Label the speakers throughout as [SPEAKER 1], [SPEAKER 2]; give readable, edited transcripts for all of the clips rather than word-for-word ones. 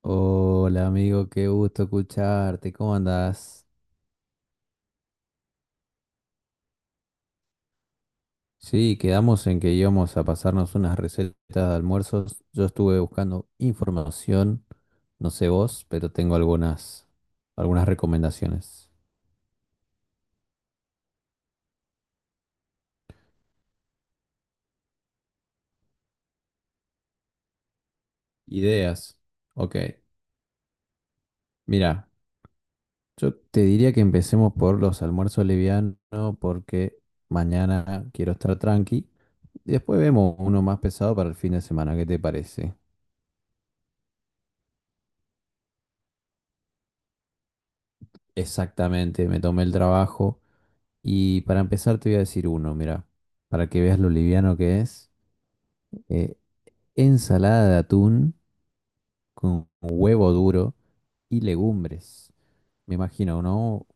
[SPEAKER 1] Hola amigo, qué gusto escucharte, ¿cómo andás? Sí, quedamos en que íbamos a pasarnos unas recetas de almuerzos. Yo estuve buscando información, no sé vos, pero tengo algunas recomendaciones. Ideas. Ok, mira, yo te diría que empecemos por los almuerzos livianos porque mañana quiero estar tranqui. Y después vemos uno más pesado para el fin de semana, ¿qué te parece? Exactamente, me tomé el trabajo. Y para empezar te voy a decir uno, mira, para que veas lo liviano que es. eh, Ensalada de atún con huevo duro y legumbres. Me imagino, ¿no?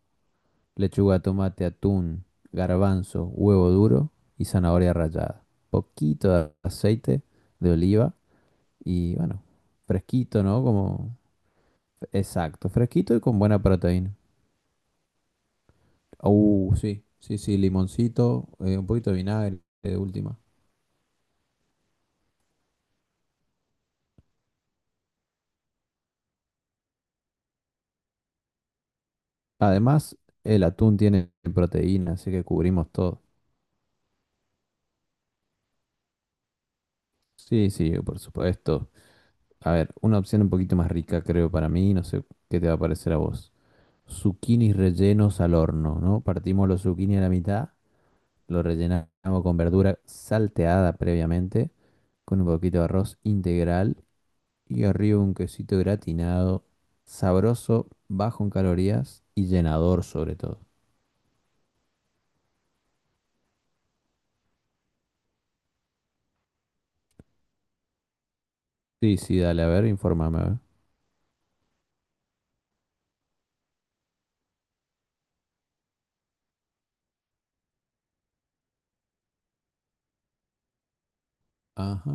[SPEAKER 1] Lechuga, tomate, atún, garbanzo, huevo duro y zanahoria rallada. Poquito de aceite de oliva y bueno, fresquito, ¿no? Como, exacto, fresquito y con buena proteína. Sí, sí, sí, limoncito, un poquito de vinagre de última. Además, el atún tiene proteína, así que cubrimos todo. Sí, sí, por supuesto. A ver, una opción un poquito más rica, creo, para mí. No sé qué te va a parecer a vos. Zucchinis rellenos al horno, ¿no? Partimos los zucchini a la mitad, lo rellenamos con verdura salteada previamente, con un poquito de arroz integral y arriba un quesito gratinado, sabroso, bajo en calorías y llenador sobre todo. Sí, sí, dale, a ver, infórmame. A ver. Ajá,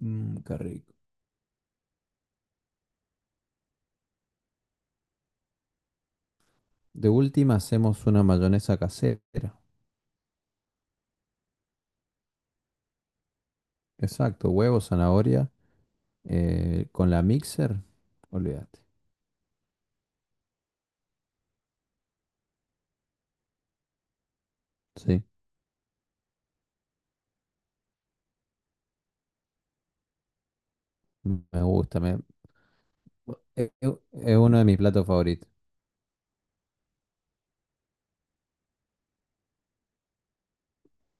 [SPEAKER 1] mm, qué rico. De última hacemos una mayonesa casera. Exacto, huevo, zanahoria, con la mixer, olvídate. Sí, me gusta, es, es- uno de mis platos favoritos.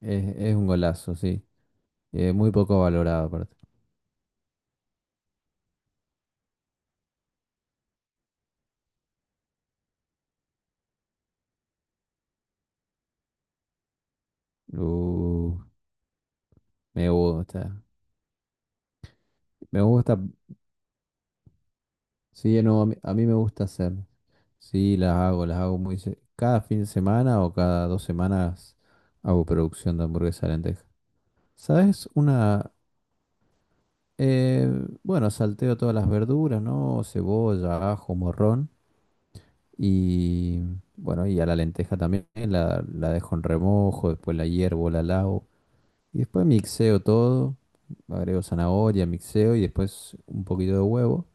[SPEAKER 1] Es un golazo, sí. Muy poco valorado aparte. Uh, me gusta, me gusta, sí, no, a mí me gusta hacer. Sí, las hago muy... Cada fin de semana o cada dos semanas hago producción de hamburguesa de lenteja. ¿Sabes una? Eh, bueno, salteo todas las verduras, ¿no? Cebolla, ajo, morrón y bueno, y a la lenteja también la dejo en remojo, después la hiervo, la lavo y después mixeo todo, agrego zanahoria, mixeo y después un poquito de huevo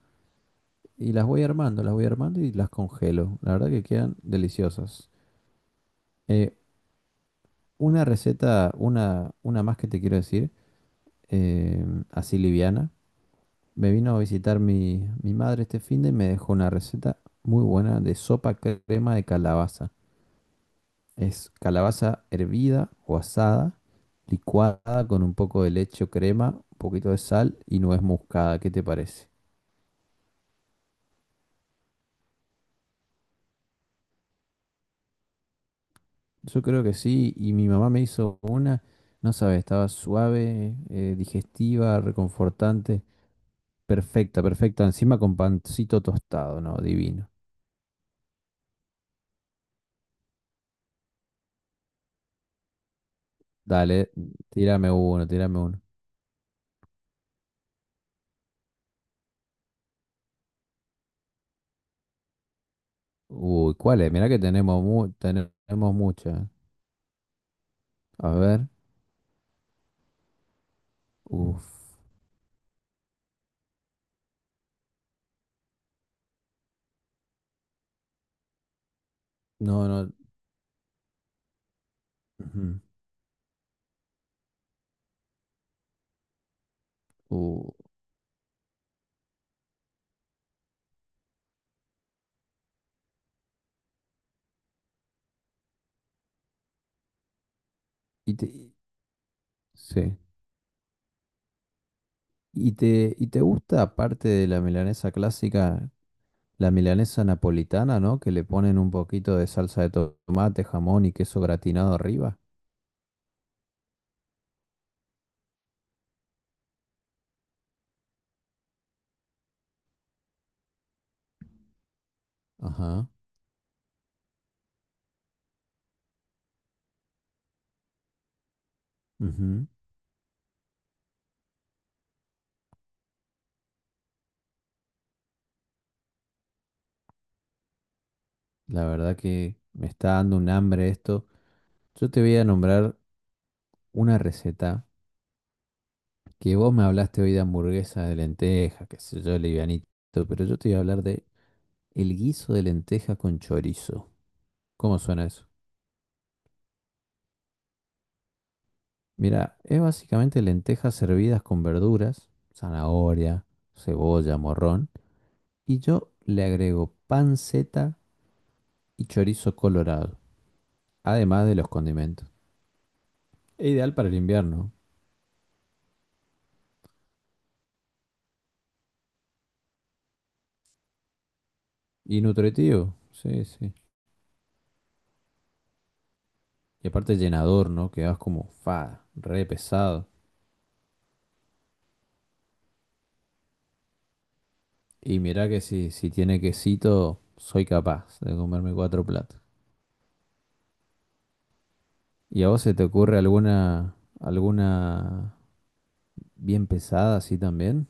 [SPEAKER 1] y las voy armando y las congelo. La verdad que quedan deliciosas. Eh, una receta, una más que te quiero decir, eh, así liviana. Me vino a visitar mi madre este fin de y me dejó una receta muy buena de sopa crema de calabaza. Es calabaza hervida o asada, licuada con un poco de leche o crema, un poquito de sal y nuez moscada. ¿Qué te parece? Yo creo que sí, y mi mamá me hizo una, no sabes, estaba suave, digestiva, reconfortante. Perfecta, perfecta. Encima con pancito tostado, ¿no? Divino. Dale, tírame uno, tírame uno. Uy, ¿cuáles? Mirá que tenemos, tenemos muchas. A ver. Uf. No, no. Ujú. Uh, y te, y- sí. Y te gusta, aparte de la milanesa clásica, la milanesa napolitana, ¿no? Que le ponen un poquito de salsa de tomate, jamón y queso gratinado arriba. Ajá. Ujú. La verdad que me está dando un hambre esto. Yo te voy a nombrar una receta. Que vos me hablaste hoy de hamburguesa de lenteja, qué sé yo, livianito, pero yo te voy a hablar de el guiso de lenteja con chorizo. ¿Cómo suena eso? Mira, es básicamente lentejas servidas con verduras, zanahoria, cebolla, morrón, y yo le agrego panceta y chorizo colorado, además de los condimentos. Es ideal para el invierno y nutritivo, sí, sí. Y aparte llenador, ¿no? Quedas como fa, re pesado. Y mirá que si, si tiene quesito, soy capaz de comerme cuatro platos. ¿Y a vos se te ocurre alguna, alguna bien pesada así también?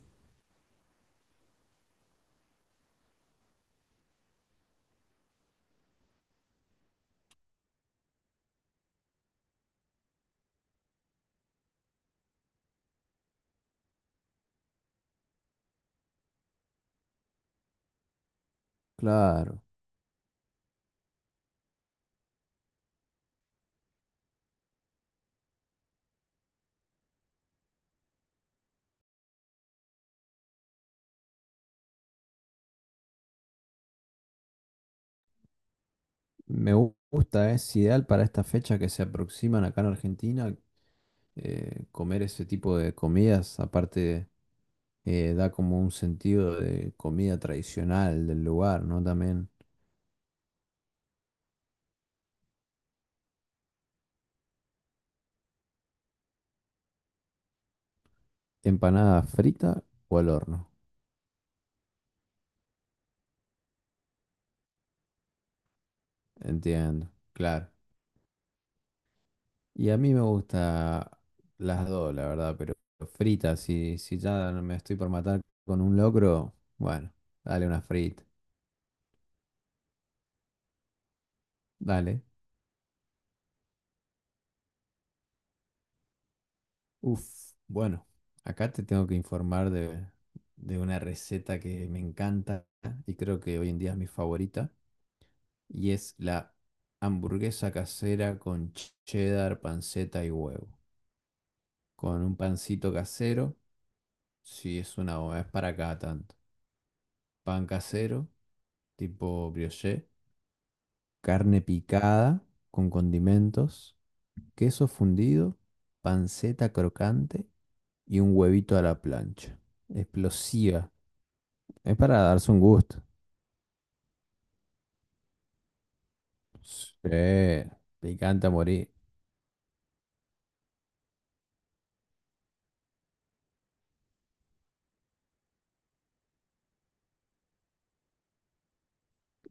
[SPEAKER 1] Claro. Gusta, es ideal para esta fecha que se aproximan acá en Argentina. Comer ese tipo de comidas, aparte, da como un sentido de comida tradicional del lugar, ¿no? También empanada frita o al horno. Entiendo, claro. Y a mí me gusta las dos, la verdad, pero fritas, si, si ya no me estoy por matar con un locro, bueno, dale una frita, dale. Uf, bueno, acá te tengo que informar de una receta que me encanta y creo que hoy en día es mi favorita, y es la hamburguesa casera con cheddar, panceta y huevo, con un pancito casero, si es una, es para cada tanto, pan casero, tipo brioche. Carne picada con condimentos, queso fundido, panceta crocante y un huevito a la plancha. Explosiva. Es para darse un gusto. Sí, picante a morir.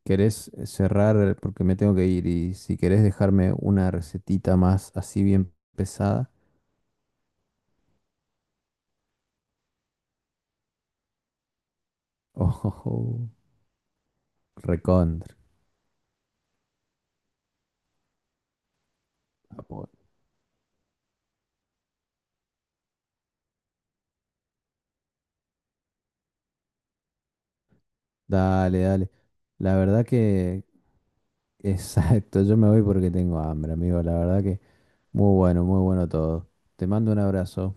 [SPEAKER 1] ¿Querés cerrar porque me tengo que ir? Y si querés dejarme una recetita más así bien pesada, oh, oh, oh, recontra. Dale, dale. La verdad que, exacto, yo me voy porque tengo hambre, amigo. La verdad que muy bueno, muy bueno todo. Te mando un abrazo.